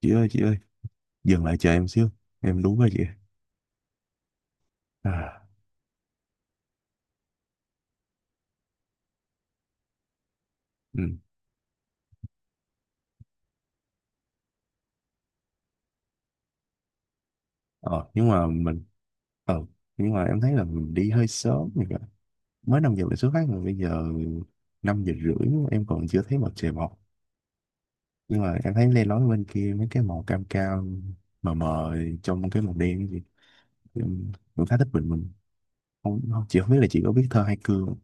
Chị ơi, chị ơi, dừng lại chờ em xíu. Em đú rồi chị. À. Ừ. ờ nhưng mà mình ờ nhưng mà em thấy là mình đi hơi sớm rồi kìa. Mới 5 giờ mình xuất phát mà bây giờ 5 giờ rưỡi em còn chưa thấy mặt trời mọc. Nhưng mà em thấy lên lói bên kia mấy cái màu cam cam mờ mờ trong cái màu đen gì. Em cũng khá thích bình minh. Không, không, chị không biết là chị có biết thơ hai cương không?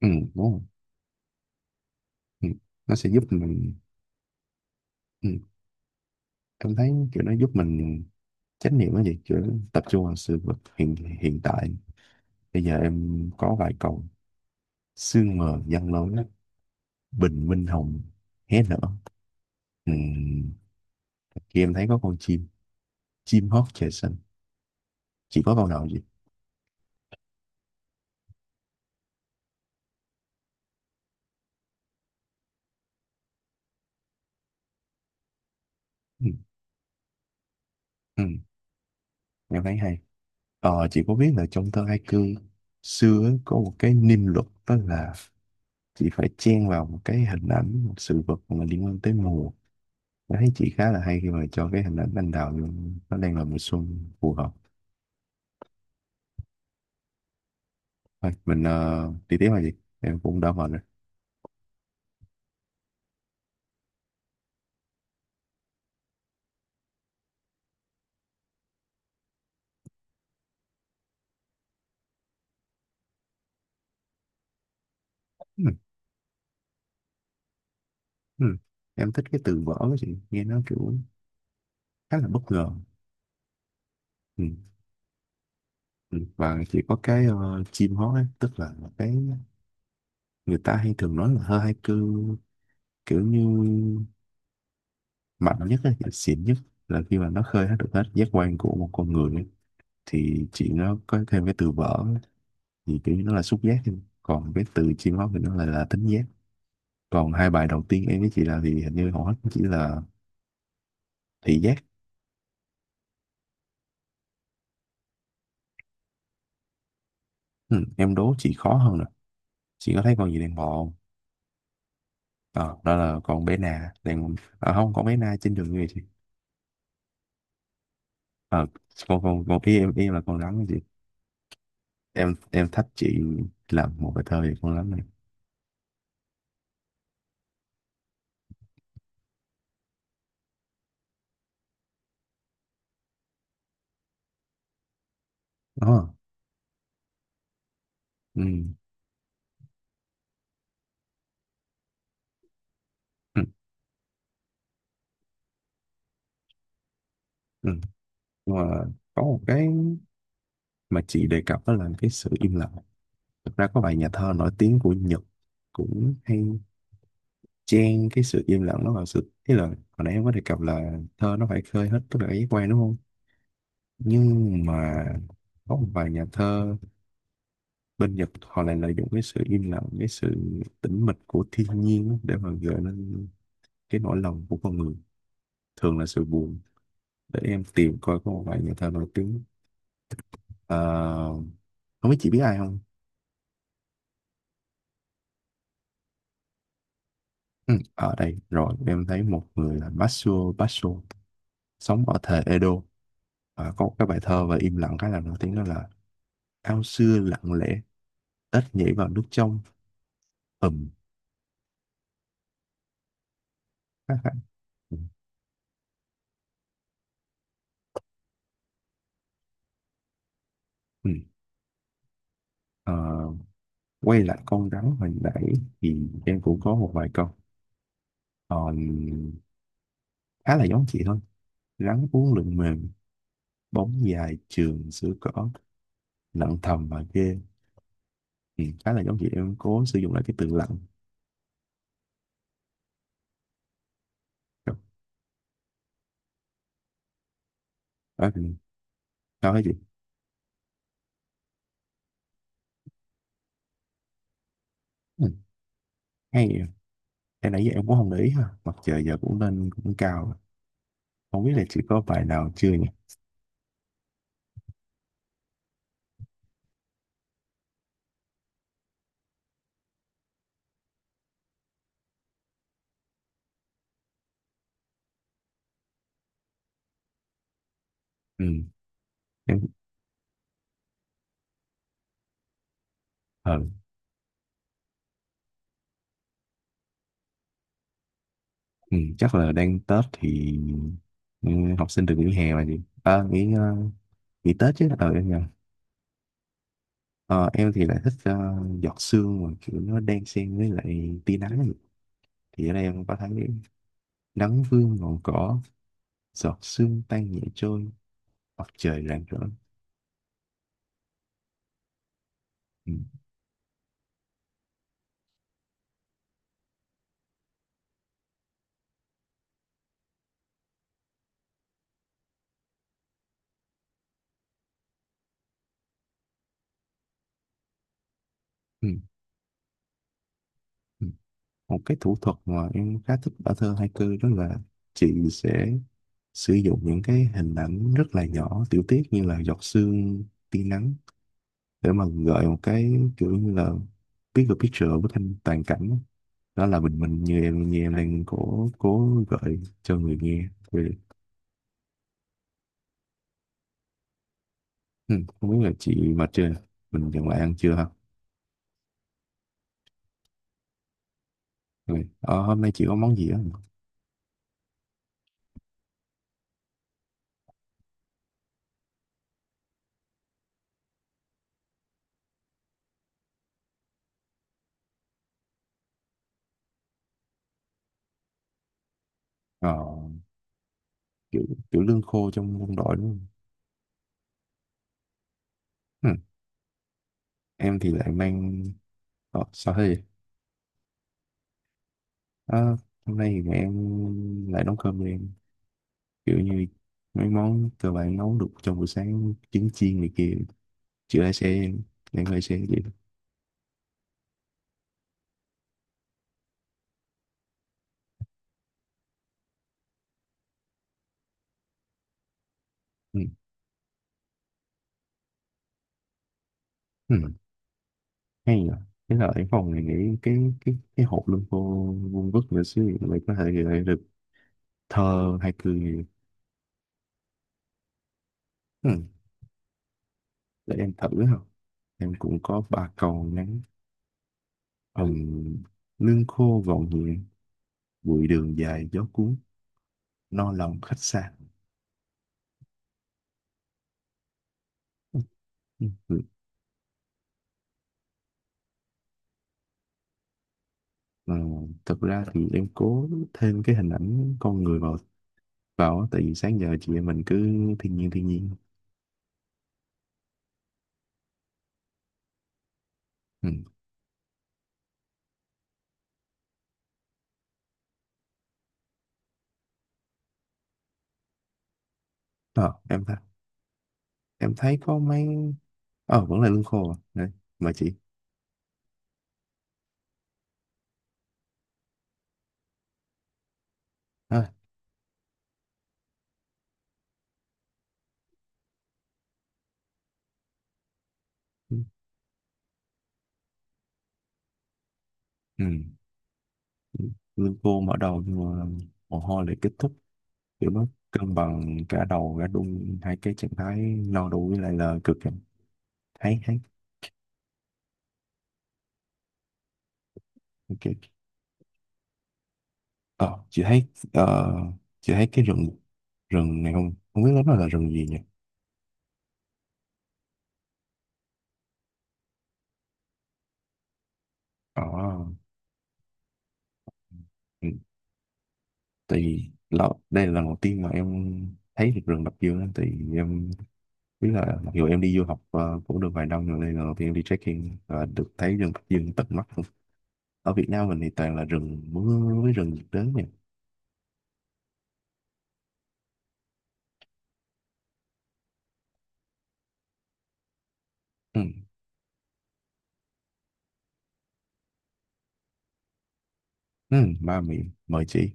Ừ, đúng không? Ừ. Nó sẽ giúp mình. Ừ. Em thấy kiểu nó giúp mình chánh niệm cái gì kiểu tập trung vào sự vật hiện hiện tại. Bây giờ em có vài câu. Sương mờ giăng lối, bình minh hồng hé nở. Ừ. Kia em thấy có con chim, chim hót trời xanh. Chị có câu nào vậy? Ừ. Ừ. Em thấy hay. Ờ, chị có biết là trong thơ haiku xưa ấy, có một cái niêm luật đó là chị phải chen vào một cái hình ảnh, một sự vật mà liên quan tới mùa. Em thấy chị khá là hay khi mà cho cái hình ảnh anh đào vô, nó đang là mùa xuân phù hợp. Thôi, mình đi tiếp là gì? Em cũng đã mệt rồi. Ừ. Ừ. Em thích cái từ vỡ của chị, nghe nó kiểu khá là bất ngờ. Ừ. Ừ. Và chỉ có cái chim hót ấy, tức là cái người ta hay thường nói là hơi haiku kiểu như mạnh nhất ấy, xịn nhất là khi mà nó khơi hết được hết giác quan của một con người ấy. Thì chị nó có thêm cái từ vỡ ấy, thì kiểu như nó là xúc giác thôi. Còn cái từ chim hót thì nó lại là thính giác. Còn hai bài đầu tiên em với chị làm thì hình như hầu hết cũng chỉ là thị giác. Ừ. Em đố chị khó hơn nè. Chị có thấy con gì đang bò không? Ờ, đó là con bé Na đang. À, không, con bé Na trên đường về chị. ờ, con ý em là con rắn đó chị. Em thách chị làm một bài thơ về con rắn này. Đó. Ừ, ừ, ừ. Nhưng mà có một cái mà chị đề cập đó là cái sự im lặng. Thực ra có vài nhà thơ nổi tiếng của Nhật cũng hay chen cái sự im lặng đó vào sự ý là hồi nãy em có đề cập là thơ nó phải khơi hết tất cả cái giác quan đúng không? Nhưng mà có một vài nhà thơ bên Nhật họ lại lợi dụng cái sự im lặng, cái sự tĩnh mịch của thiên nhiên để mà gợi lên cái nỗi lòng của con người, thường là sự buồn. Để em tìm coi có một bài nhà thơ nổi tiếng. À, không biết chị biết ai không? Ừ, ở đây rồi, em thấy một người là Matsuo Basho sống ở thời Edo. À, có một cái bài thơ và im lặng khá là nổi tiếng đó là: ao xưa lặng lẽ, ếch nhảy vào nước trong, ầm. Khá khá. Ừ. Ờ, quay lại con rắn hồi nãy thì em cũng có một vài câu còn khá là giống chị thôi. Rắn uống lượn mềm, bóng dài trường sữa cỏ, lặng thầm và ghê. Ừ, khá là giống chị, em cố sử dụng lại cái từ lặng. Đó. đó thì- Đó chị. Ừ, hay vậy. Em nãy giờ em cũng không để ý ha, mặt trời giờ cũng lên cũng cao rồi. Không biết là chị có bài nào chưa nhỉ? Ừ. Em. Ờ. Ừ, chắc là đang Tết thì. Ừ, học sinh được nghỉ hè mà chị. À, nghỉ Tết chứ. Ờ, em nhầm. Ờ, em thì lại thích giọt sương mà kiểu nó đan xen với lại tia nắng, thì ở đây em có thấy: nắng vương ngọn cỏ, giọt sương tan nhẹ trôi, mặt trời rạng rỡ. Ừ. Ừ. Ừ. Một cái thủ thuật mà em khá thích ở thơ haiku đó là chị sẽ sử dụng những cái hình ảnh rất là nhỏ, tiểu tiết như là giọt sương, tia nắng để mà gợi một cái kiểu như là bigger picture, bức tranh toàn cảnh, đó là bình minh. Như em, đang cố cố gợi cho người nghe về. Ừ, không biết là chị mà chưa, mình dừng lại ăn chưa ha? Rồi. Ờ, Hôm nay chị có món gì á? Ờ, kiểu, kiểu lương khô trong quân đội đúng không? Ừm. Em thì lại mang... Ờ, sao thế? Ờ, hôm nay thì em lại nấu cơm cho em. Kiểu như mấy món cơ bản nấu được trong buổi sáng, trứng chiên này kia. Chị lại sẽ... Em lại sẽ vậy. Ừ. Ừ. Hay nhờ. Thế là em phòng này nghĩ cái hộp lương khô vuông vức nữa xíu thì mình có thể gọi được thơ hay cười. Ừm. Để em thử không? Em cũng có ba cầu ngắn. Ừm, lương khô gọn nhẹ, bụi đường dài gió cuốn, no lòng khách xa. Ừ. Ừ, thật ra thì em cố thêm cái hình ảnh con người vào vào á, tại vì sáng giờ chị em mình cứ thiên nhiên thiên nhiên. Ừ. Ờ, em thấy có mấy vẫn là lương khô à. Đấy, mà chị. À, ừ. Ừ, lương khô mở đầu nhưng mà mồ hôi lại kết thúc, kiểu nó cân bằng cả đầu cả đun hai cái trạng thái no đủ với lại là cực, em thấy thấy ok. Ờ, ờ, chị thấy cái rừng rừng này không không biết lắm là rừng gì nhỉ? Ờ. Ừ, tại vì là, đây là lần đầu tiên mà em thấy được rừng Bạch Dương á, thì em biết là mặc dù em đi du học cũng được vài năm rồi, đây là lần đầu tiên em đi trekking và được thấy rừng Bạch Dương tận mắt luôn. Ở Việt Nam mình thì toàn là rừng mưa với rừng nhiệt đới nhỉ? Ừ, ừ, ba miệng mời chị.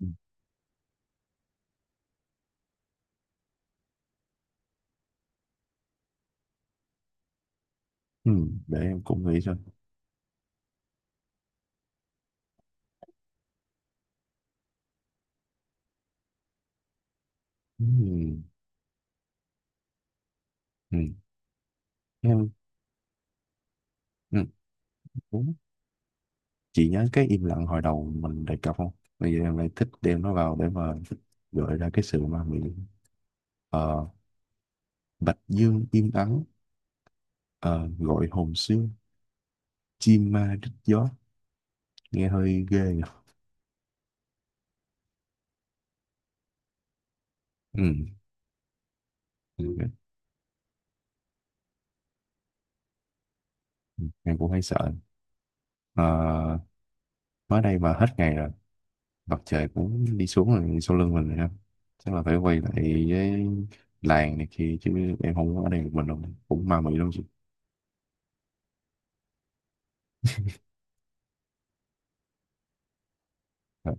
Ừ, ừ, để em cũng nghĩ xem. Ừ, ừ, em. Ừ. Chị nhớ cái im lặng hồi đầu mình đề cập không? Bây giờ em lại thích đem nó vào để mà gợi ra cái sự ma mị. Ờ, bạch dương im ắng, ờ, gọi hồn xương, chim ma rít gió. Nghe hơi ghê nhỉ? Ừ, em cũng hay sợ. Ờ, mới đây mà hết ngày rồi, mặt trời cũng đi xuống rồi sau lưng mình rồi ha. Chắc là phải quay lại với làng này kia chứ. Em không có ở đây một mình đâu, cũng ma mị lắm chị. Ờ.